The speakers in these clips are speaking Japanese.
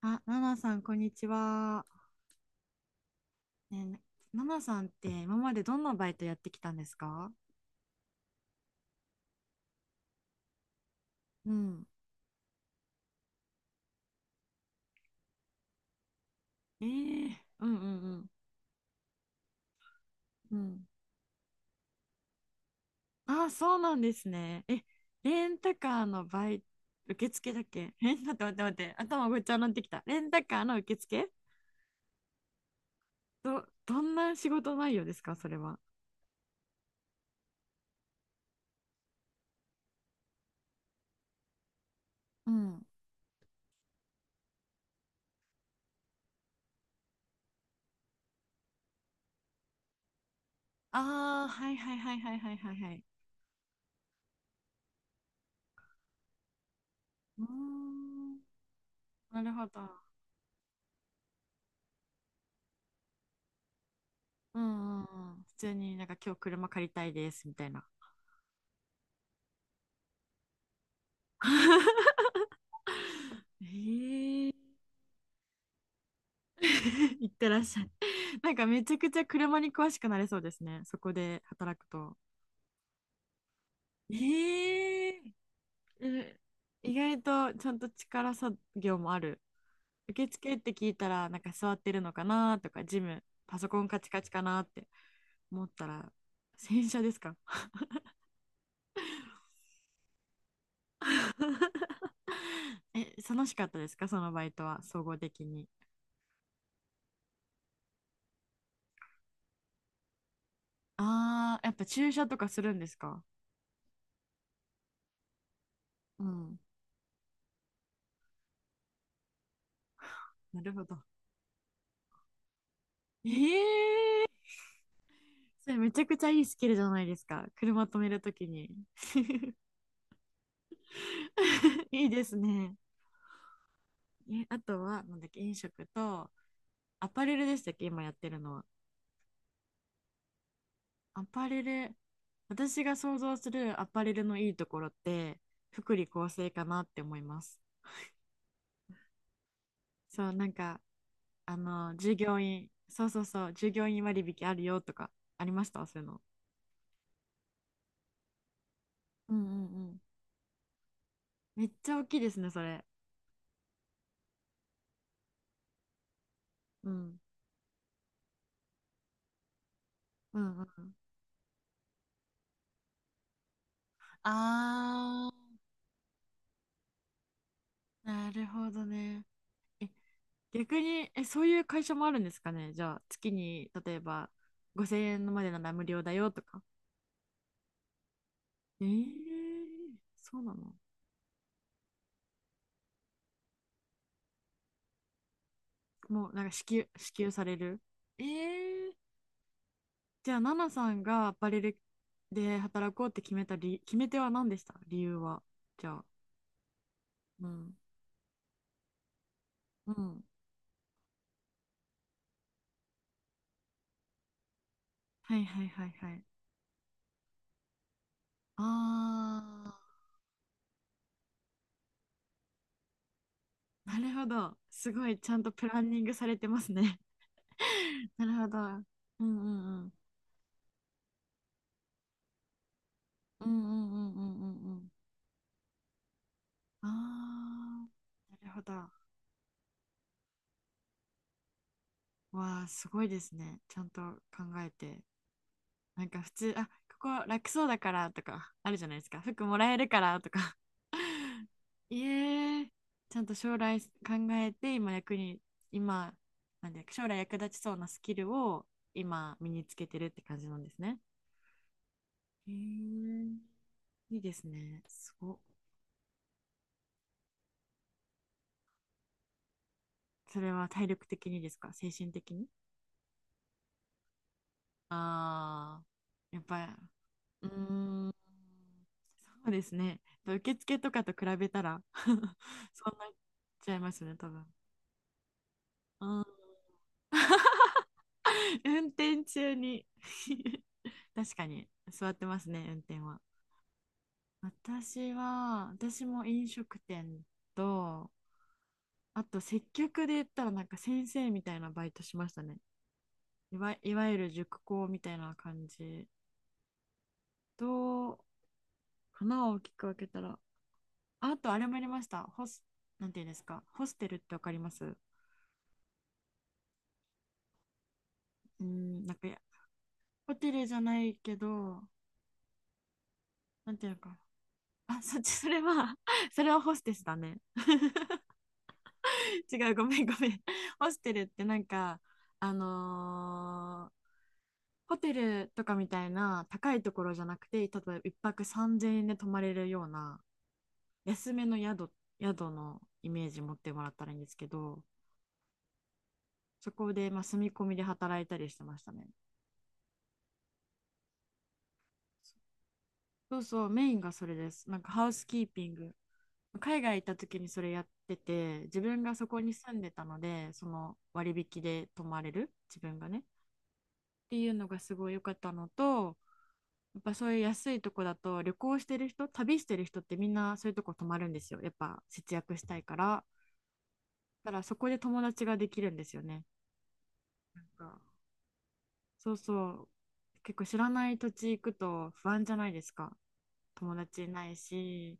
あ、ナナさん、こんにちは。ねえ、ナナさんって今までどんなバイトやってきたんですか？うん。えーうんうんうん。うん。あ、そうなんですね。え、レンタカーのバイト、受付だっけ？待って、頭ごっちゃになってきた。レンタカーの受付、どんな仕事内容ですか、それは。うん。ああ、はい。うーん、なるほど。うんうんうん。普通になんか今日車借りたいですみたいな。ええ。 行ってらっしゃい。なんかめちゃくちゃ車に詳しくなれそうですね、そこで働くと。ええ。うん、意外とちゃんと力作業もある。受付って聞いたら、なんか座ってるのかなとか、パソコンカチカチかなって思ったら、洗車ですか？ え、楽しかったですかそのバイトは、総合的に。ああ、やっぱ駐車とかするんですか？うん。なるほど。ええ、それめちゃくちゃいいスキルじゃないですか、車止めるときに。いいですね。え、あとは、なんだっけ、飲食と、アパレルでしたっけ、今やってるのは。アパレル、私が想像するアパレルのいいところって、福利厚生かなって思います。そう、なんか、あの、従業員、そうそうそう、従業員割引あるよとか、ありましたそういうの。うんうんうん。めっちゃ大きいですね、それ。うん。うんうん。あー、なるほどね。え、逆に、え、そういう会社もあるんですかねじゃあ、月に、例えば、5000円までなら無料だよとか。えー、そうなの？もう、支給される？えー、じゃあ、ナナさんがアパレルで働こうって決めた決め手は何でした？理由は。じゃあ、うん。うん。はいはいはいはい。あー、なるほど。すごい、ちゃんとプランニングされてますね。なるほど。うんうんうん。うんうんうんうんうんうん。ああ、なるほど。わあ、すごいですね。ちゃんと考えて。なんか普通、あ、ここ楽そうだからとかあるじゃないですか、服もらえるからとか。いえ、ちゃんと将来考えて、今役に、今、なんで、将来役立ちそうなスキルを今身につけてるって感じなんですね。へえ、いいですね。すごっ。それは体力的にですか精神的に？ああー、やっぱ。うーん、そうですね。受付とかと比べたら そんなっちゃいますね、多分。うん、運転中に 確かに座ってますね、運転は。私も飲食店と、あと接客で言ったらなんか先生みたいなバイトしましたね。いわゆる塾講みたいな感じと、花を大きく分けたら、あとあれもやりました。ホス、なんていうんですか、ホステルってわかります？うん、なんかやホテルじゃないけど、なんていうのかな。あ、そっち、それは それはホステスだね。違う、ごめん、ごめん。ホステルってなんか、あのーホテルとかみたいな高いところじゃなくて、例えば1泊3000円で泊まれるような安めの宿、宿のイメージ持ってもらったらいいんですけど、そこでまあ住み込みで働いたりしてましたね。そうそう、メインがそれです。なんかハウスキーピング、海外行った時にそれやってて、自分がそこに住んでたので、その割引で泊まれる、自分がね。っていうのがすごい良かったのと、やっぱそういう安いとこだと、旅してる人ってみんなそういうとこ泊まるんですよ、やっぱ節約したいから。だからそこで友達ができるんですよね。なんか、そうそう。結構知らない土地行くと不安じゃないですか、友達いないし。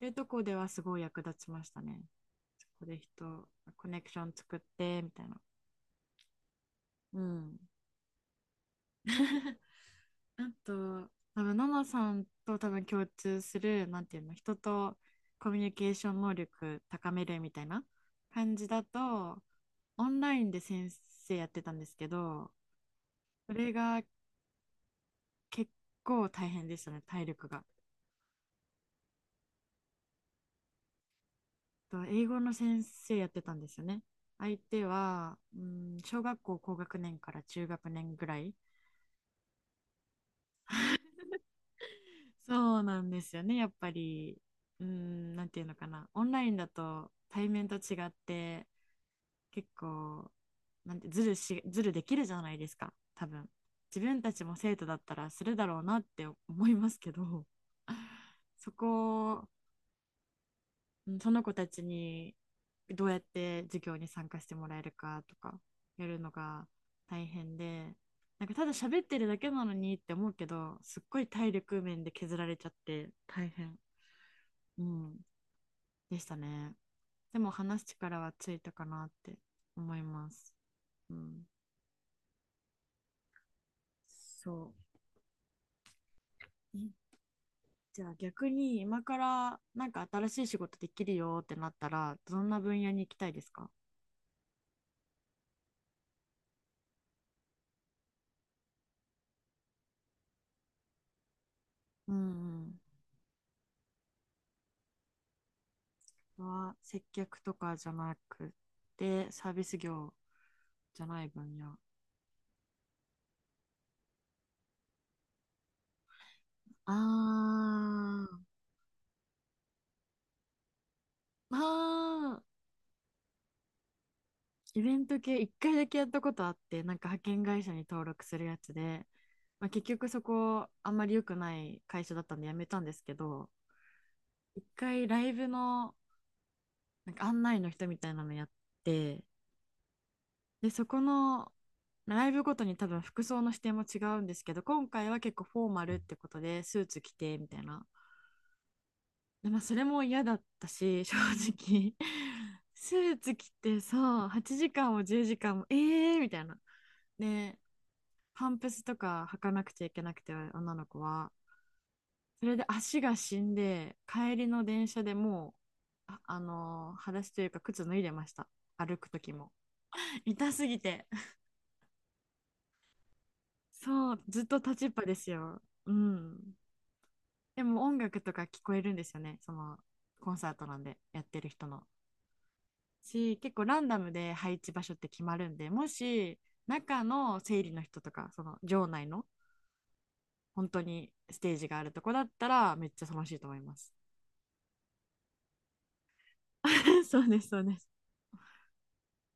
いうとこではすごい役立ちましたね。そこで人、コネクション作ってみたいな。うん。 あと、多分、ナナさんと多分共通する、なんていうの、人とコミュニケーション能力高めるみたいな感じだと、オンラインで先生やってたんですけど、それが結構大変でしたね、体力が。と英語の先生やってたんですよね。相手は、うん、小学校高学年から中学年ぐらい。そうなんですよね。やっぱり、うーん、なんていうのかな。オンラインだと対面と違って、結構、なんて、ずるし、ずるできるじゃないですか、多分。自分たちも生徒だったらするだろうなって思いますけど、そこを、うんその子たちにどうやって授業に参加してもらえるかとか、やるのが大変で、なんかただ喋ってるだけなのにって思うけど、すっごい体力面で削られちゃって大変うんでしたね。でも話す力はついたかなって思います。うん、そう。え、じゃあ逆に今からなんか新しい仕事できるよってなったらどんな分野に行きたいですか？うんうん。は接客とかじゃなくてサービス業じゃない分野。あー。あー、イベント系一回だけやったことあってなんか派遣会社に登録するやつで、まあ、結局そこあんまり良くない会社だったんでやめたんですけど、一回ライブのなんか案内の人みたいなのやって、でそこのライブごとに多分服装の指定も違うんですけど、今回は結構フォーマルってことでスーツ着てみたいな。で、まあ、それも嫌だったし正直。 スーツ着てさ8時間も10時間もえーみたいな。でパンプスとか履かなくちゃいけなくて女の子は、それで足が死んで帰りの電車でもあのー裸足というか靴脱いでました、歩く時も痛すぎて。そうずっと立ちっぱですよ、うん。でも音楽とか聞こえるんですよね、そのコンサートなんでやってる人のし、結構ランダムで配置場所って決まるんで、もし中の整理の人とかその場内の本当にステージがあるとこだったらめっちゃ楽しいと思います。 そうです、そうです。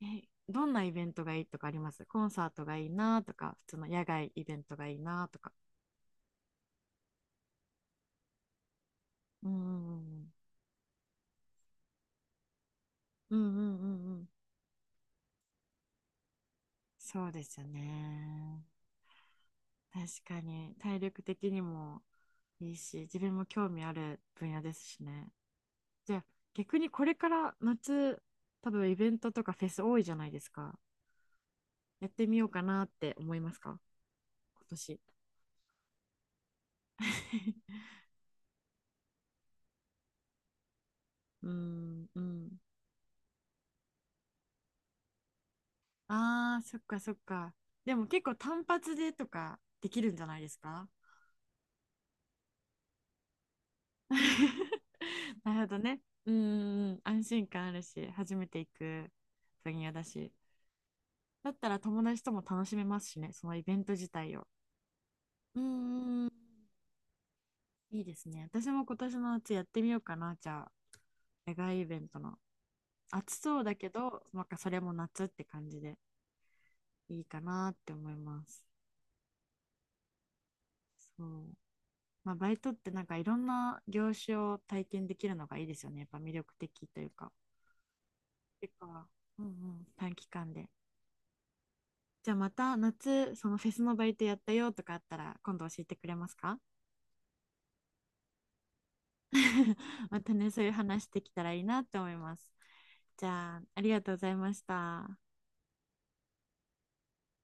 え、どんなイベントがいいとかあります？コンサートがいいなとか、普通の野外イベントがいいなとか。うんうんうんうんうんうんうん。そうですよね。確かに、体力的にもいいし、自分も興味ある分野ですしね。じゃあ、逆にこれから夏、多分イベントとかフェス多いじゃないですか。やってみようかなって思いますか今年。うんうん。ああ、そっかそっか。でも結構単発でとかできるんじゃないですか？ なるほどね。うんうんうん、安心感あるし、初めて行く分野だし。だったら友達とも楽しめますしね、そのイベント自体を。うんうんうん、いいですね。私も今年の夏やってみようかな、じゃあ。野外イベントの。暑そうだけど、なんかそれも夏って感じでいいかなって思います。そう。まあ、バイトってなんかいろんな業種を体験できるのがいいですよね、やっぱ魅力的というか。てか、うんうん、短期間で。じゃあまた夏、そのフェスのバイトやったよとかあったら今度教えてくれますか？ またね、そういう話できたらいいなって思います。じゃあ、ありがとうございました。